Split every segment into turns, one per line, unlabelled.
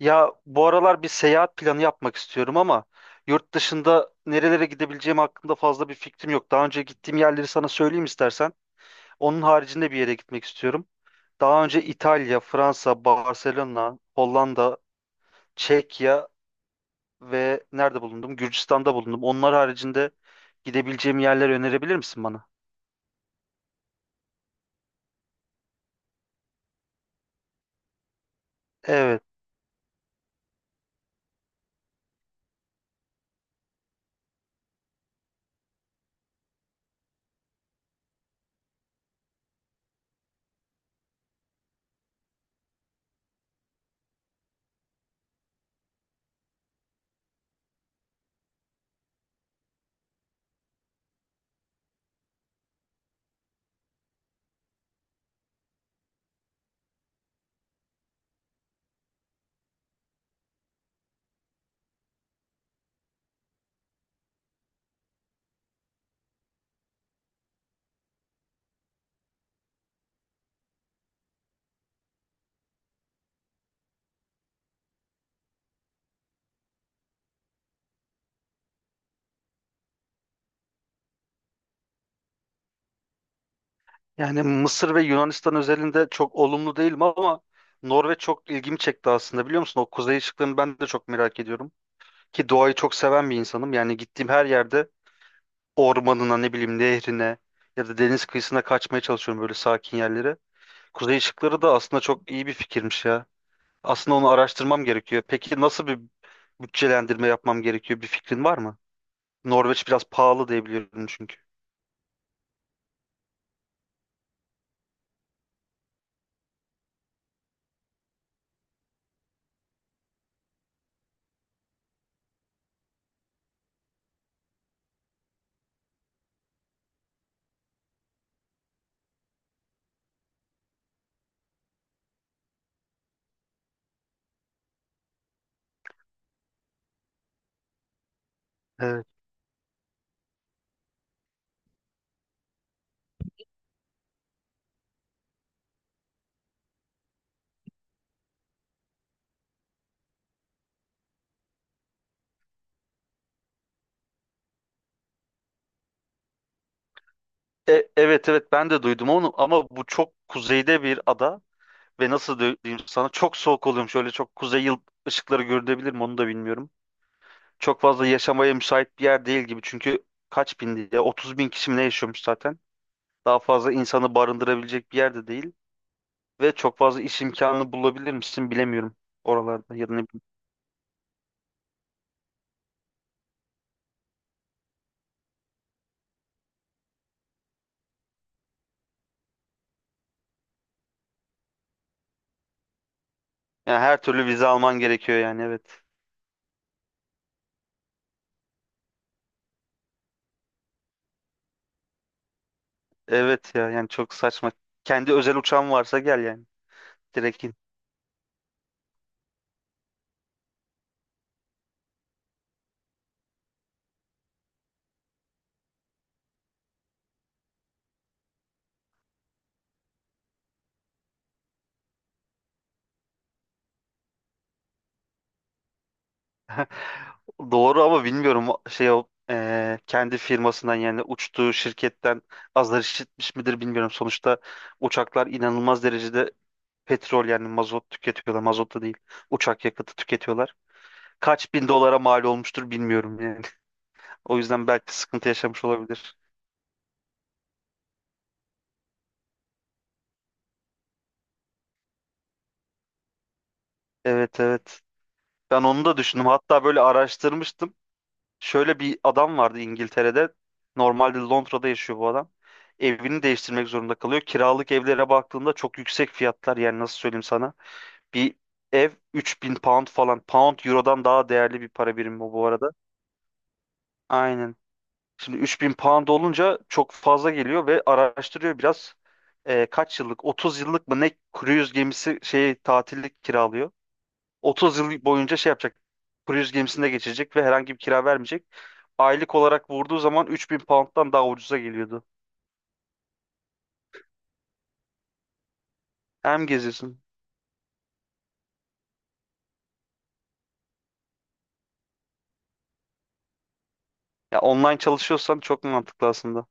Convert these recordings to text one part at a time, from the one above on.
Ya bu aralar bir seyahat planı yapmak istiyorum ama yurt dışında nerelere gidebileceğim hakkında fazla bir fikrim yok. Daha önce gittiğim yerleri sana söyleyeyim istersen. Onun haricinde bir yere gitmek istiyorum. Daha önce İtalya, Fransa, Barcelona, Hollanda, Çekya ve nerede bulundum? Gürcistan'da bulundum. Onlar haricinde gidebileceğim yerler önerebilir misin bana? Evet. Yani Mısır ve Yunanistan özelinde çok olumlu değilim ama Norveç çok ilgimi çekti aslında biliyor musun? O kuzey ışıklarını ben de çok merak ediyorum. Ki doğayı çok seven bir insanım. Yani gittiğim her yerde ormanına, ne bileyim, nehrine ya da deniz kıyısına kaçmaya çalışıyorum, böyle sakin yerlere. Kuzey ışıkları da aslında çok iyi bir fikirmiş ya. Aslında onu araştırmam gerekiyor. Peki nasıl bir bütçelendirme yapmam gerekiyor? Bir fikrin var mı? Norveç biraz pahalı diye biliyorum çünkü. Evet. Evet, evet, ben de duydum onu ama bu çok kuzeyde bir ada ve nasıl diyeyim sana, çok soğuk oluyormuş. Öyle çok kuzey yıl ışıkları görünebilir mi onu da bilmiyorum. Çok fazla yaşamaya müsait bir yer değil gibi. Çünkü kaç bin diye, 30 bin kişi mi ne yaşıyormuş zaten. Daha fazla insanı barındırabilecek bir yerde değil. Ve çok fazla iş imkanı bulabilir misin bilemiyorum oralarda ya da ne bileyim. Yani her türlü vize alman gerekiyor yani, evet. Evet ya, yani çok saçma. Kendi özel uçağın varsa gel yani. Direkt in. Doğru ama bilmiyorum, o- şey o kendi firmasından yani uçtuğu şirketten azar işitmiş midir bilmiyorum. Sonuçta uçaklar inanılmaz derecede petrol, yani mazot tüketiyorlar. Mazot da değil. Uçak yakıtı tüketiyorlar. kaç bin dolara mal olmuştur bilmiyorum yani. O yüzden belki sıkıntı yaşamış olabilir. Evet, evet. Ben onu da düşündüm. Hatta böyle araştırmıştım. Şöyle bir adam vardı İngiltere'de. Normalde Londra'da yaşıyor bu adam. Evini değiştirmek zorunda kalıyor. Kiralık evlere baktığında çok yüksek fiyatlar. Yani nasıl söyleyeyim sana. Bir ev 3000 pound falan. Pound eurodan daha değerli bir para birimi, bu arada. Aynen. Şimdi 3000 pound olunca çok fazla geliyor ve araştırıyor biraz. Kaç yıllık? 30 yıllık mı ne, cruise gemisi şey tatillik kiralıyor. 30 yıl boyunca şey yapacak. Cruise gemisinde geçirecek ve herhangi bir kira vermeyecek. Aylık olarak vurduğu zaman 3000 pound'dan daha ucuza geliyordu. Hem geziyorsun. Ya online çalışıyorsan çok mantıklı aslında.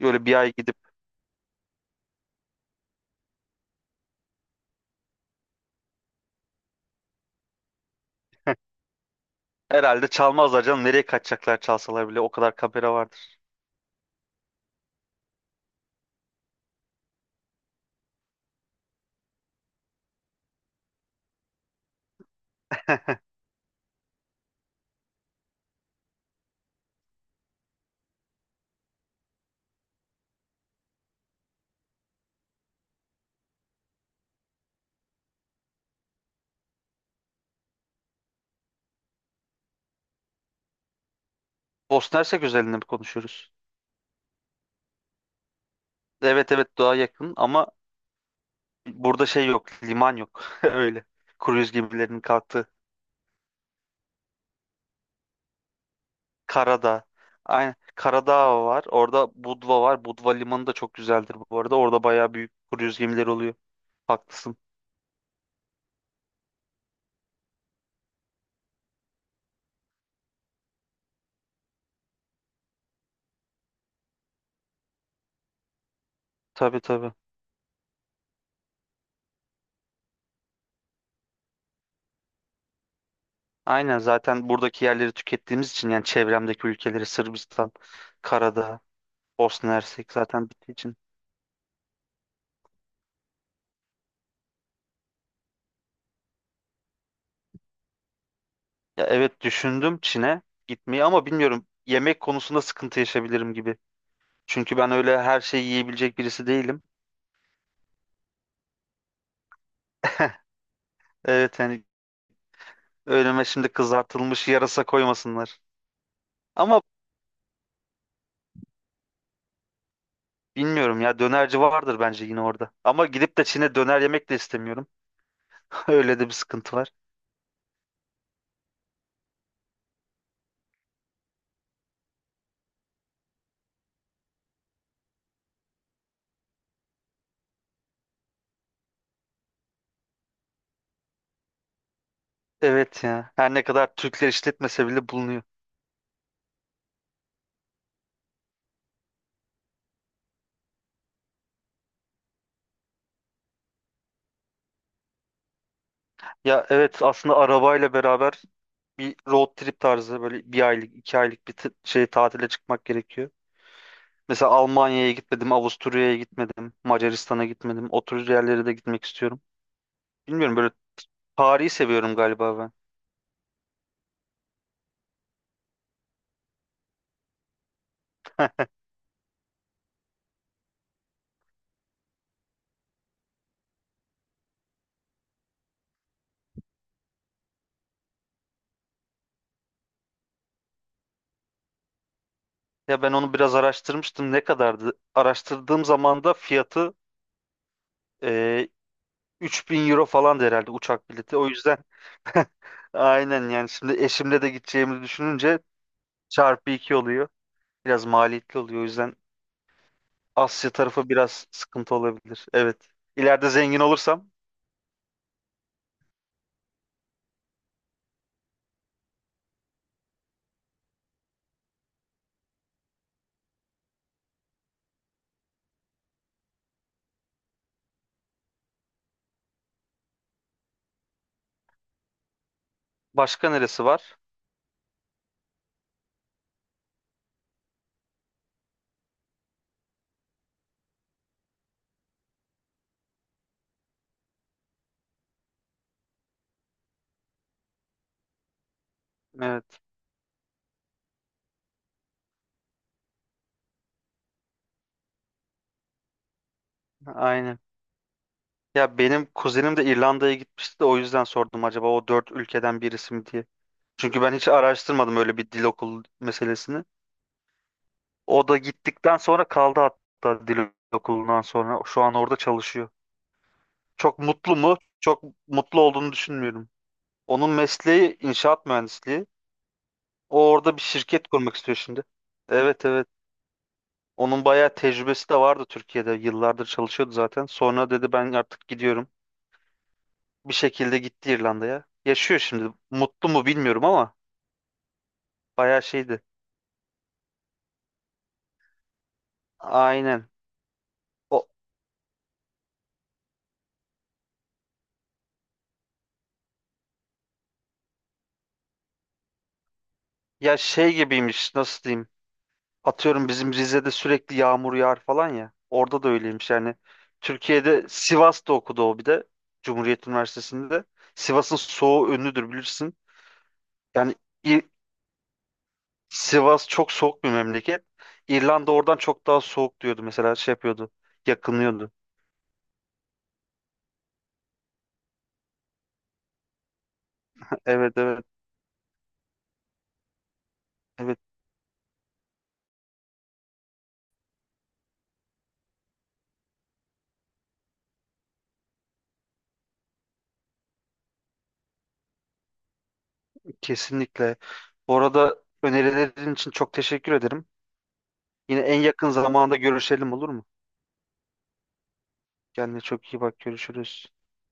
Böyle bir ay gidip herhalde çalmazlar canım. Nereye kaçacaklar, çalsalar bile o kadar kamera vardır. Bosna Hersek özelinde mi konuşuyoruz? Evet evet, daha yakın ama burada şey yok, liman yok. Öyle. Kruz gemilerinin kalktığı. Karadağ. Aynen. Karadağ var. Orada Budva var. Budva limanı da çok güzeldir bu arada. Orada bayağı büyük kruz gemileri oluyor. Haklısın. Tabii tabii. Aynen, zaten buradaki yerleri tükettiğimiz için, yani çevremdeki ülkeleri Sırbistan, Karadağ, Bosna Hersek zaten bittiği için. Ya evet, düşündüm Çin'e gitmeyi ama bilmiyorum, yemek konusunda sıkıntı yaşayabilirim gibi. Çünkü ben öyle her şeyi yiyebilecek birisi değilim. Evet yani. Önüme şimdi kızartılmış yarasa koymasınlar. Ama bilmiyorum ya, dönerci vardır bence yine orada. Ama gidip de Çin'e döner yemek de istemiyorum. Öyle de bir sıkıntı var. Evet ya. Her ne kadar Türkler işletmese bile bulunuyor. Ya evet, aslında arabayla beraber bir road trip tarzı, böyle bir aylık iki aylık bir tatile çıkmak gerekiyor. Mesela Almanya'ya gitmedim, Avusturya'ya gitmedim, Macaristan'a gitmedim. O tür yerlere de gitmek istiyorum. Bilmiyorum, böyle tarihi seviyorum galiba ben. Ya ben onu biraz araştırmıştım. Ne kadardı? Araştırdığım zaman da fiyatı e, 3000 euro falan herhalde uçak bileti. O yüzden aynen yani, şimdi eşimle de gideceğimizi düşününce çarpı 2 oluyor. Biraz maliyetli oluyor. O yüzden Asya tarafı biraz sıkıntı olabilir. Evet. İleride zengin olursam başka neresi var? Evet. Aynen. Ya benim kuzenim de İrlanda'ya gitmişti de o yüzden sordum acaba o dört ülkeden birisi mi diye. Çünkü ben hiç araştırmadım öyle bir dil okulu meselesini. O da gittikten sonra kaldı, hatta dil okulundan sonra. Şu an orada çalışıyor. Çok mutlu mu? Çok mutlu olduğunu düşünmüyorum. Onun mesleği inşaat mühendisliği. O orada bir şirket kurmak istiyor şimdi. Evet evet. Onun bayağı tecrübesi de vardı Türkiye'de. Yıllardır çalışıyordu zaten. Sonra dedi ben artık gidiyorum. Bir şekilde gitti İrlanda'ya. Yaşıyor şimdi. Mutlu mu bilmiyorum ama bayağı şeydi. Aynen. O ya, şey gibiymiş, nasıl diyeyim? Atıyorum bizim Rize'de sürekli yağmur yağar falan ya. Orada da öyleymiş yani. Türkiye'de Sivas'ta okudu o bir de. Cumhuriyet Üniversitesi'nde. Sivas'ın soğuğu ünlüdür bilirsin. Yani İ- Sivas çok soğuk bir memleket. İrlanda oradan çok daha soğuk diyordu mesela, şey yapıyordu. Yakınıyordu. Evet evet evet, kesinlikle. Bu arada önerilerin için çok teşekkür ederim. Yine en yakın zamanda görüşelim olur mu? Kendine çok iyi bak, görüşürüz.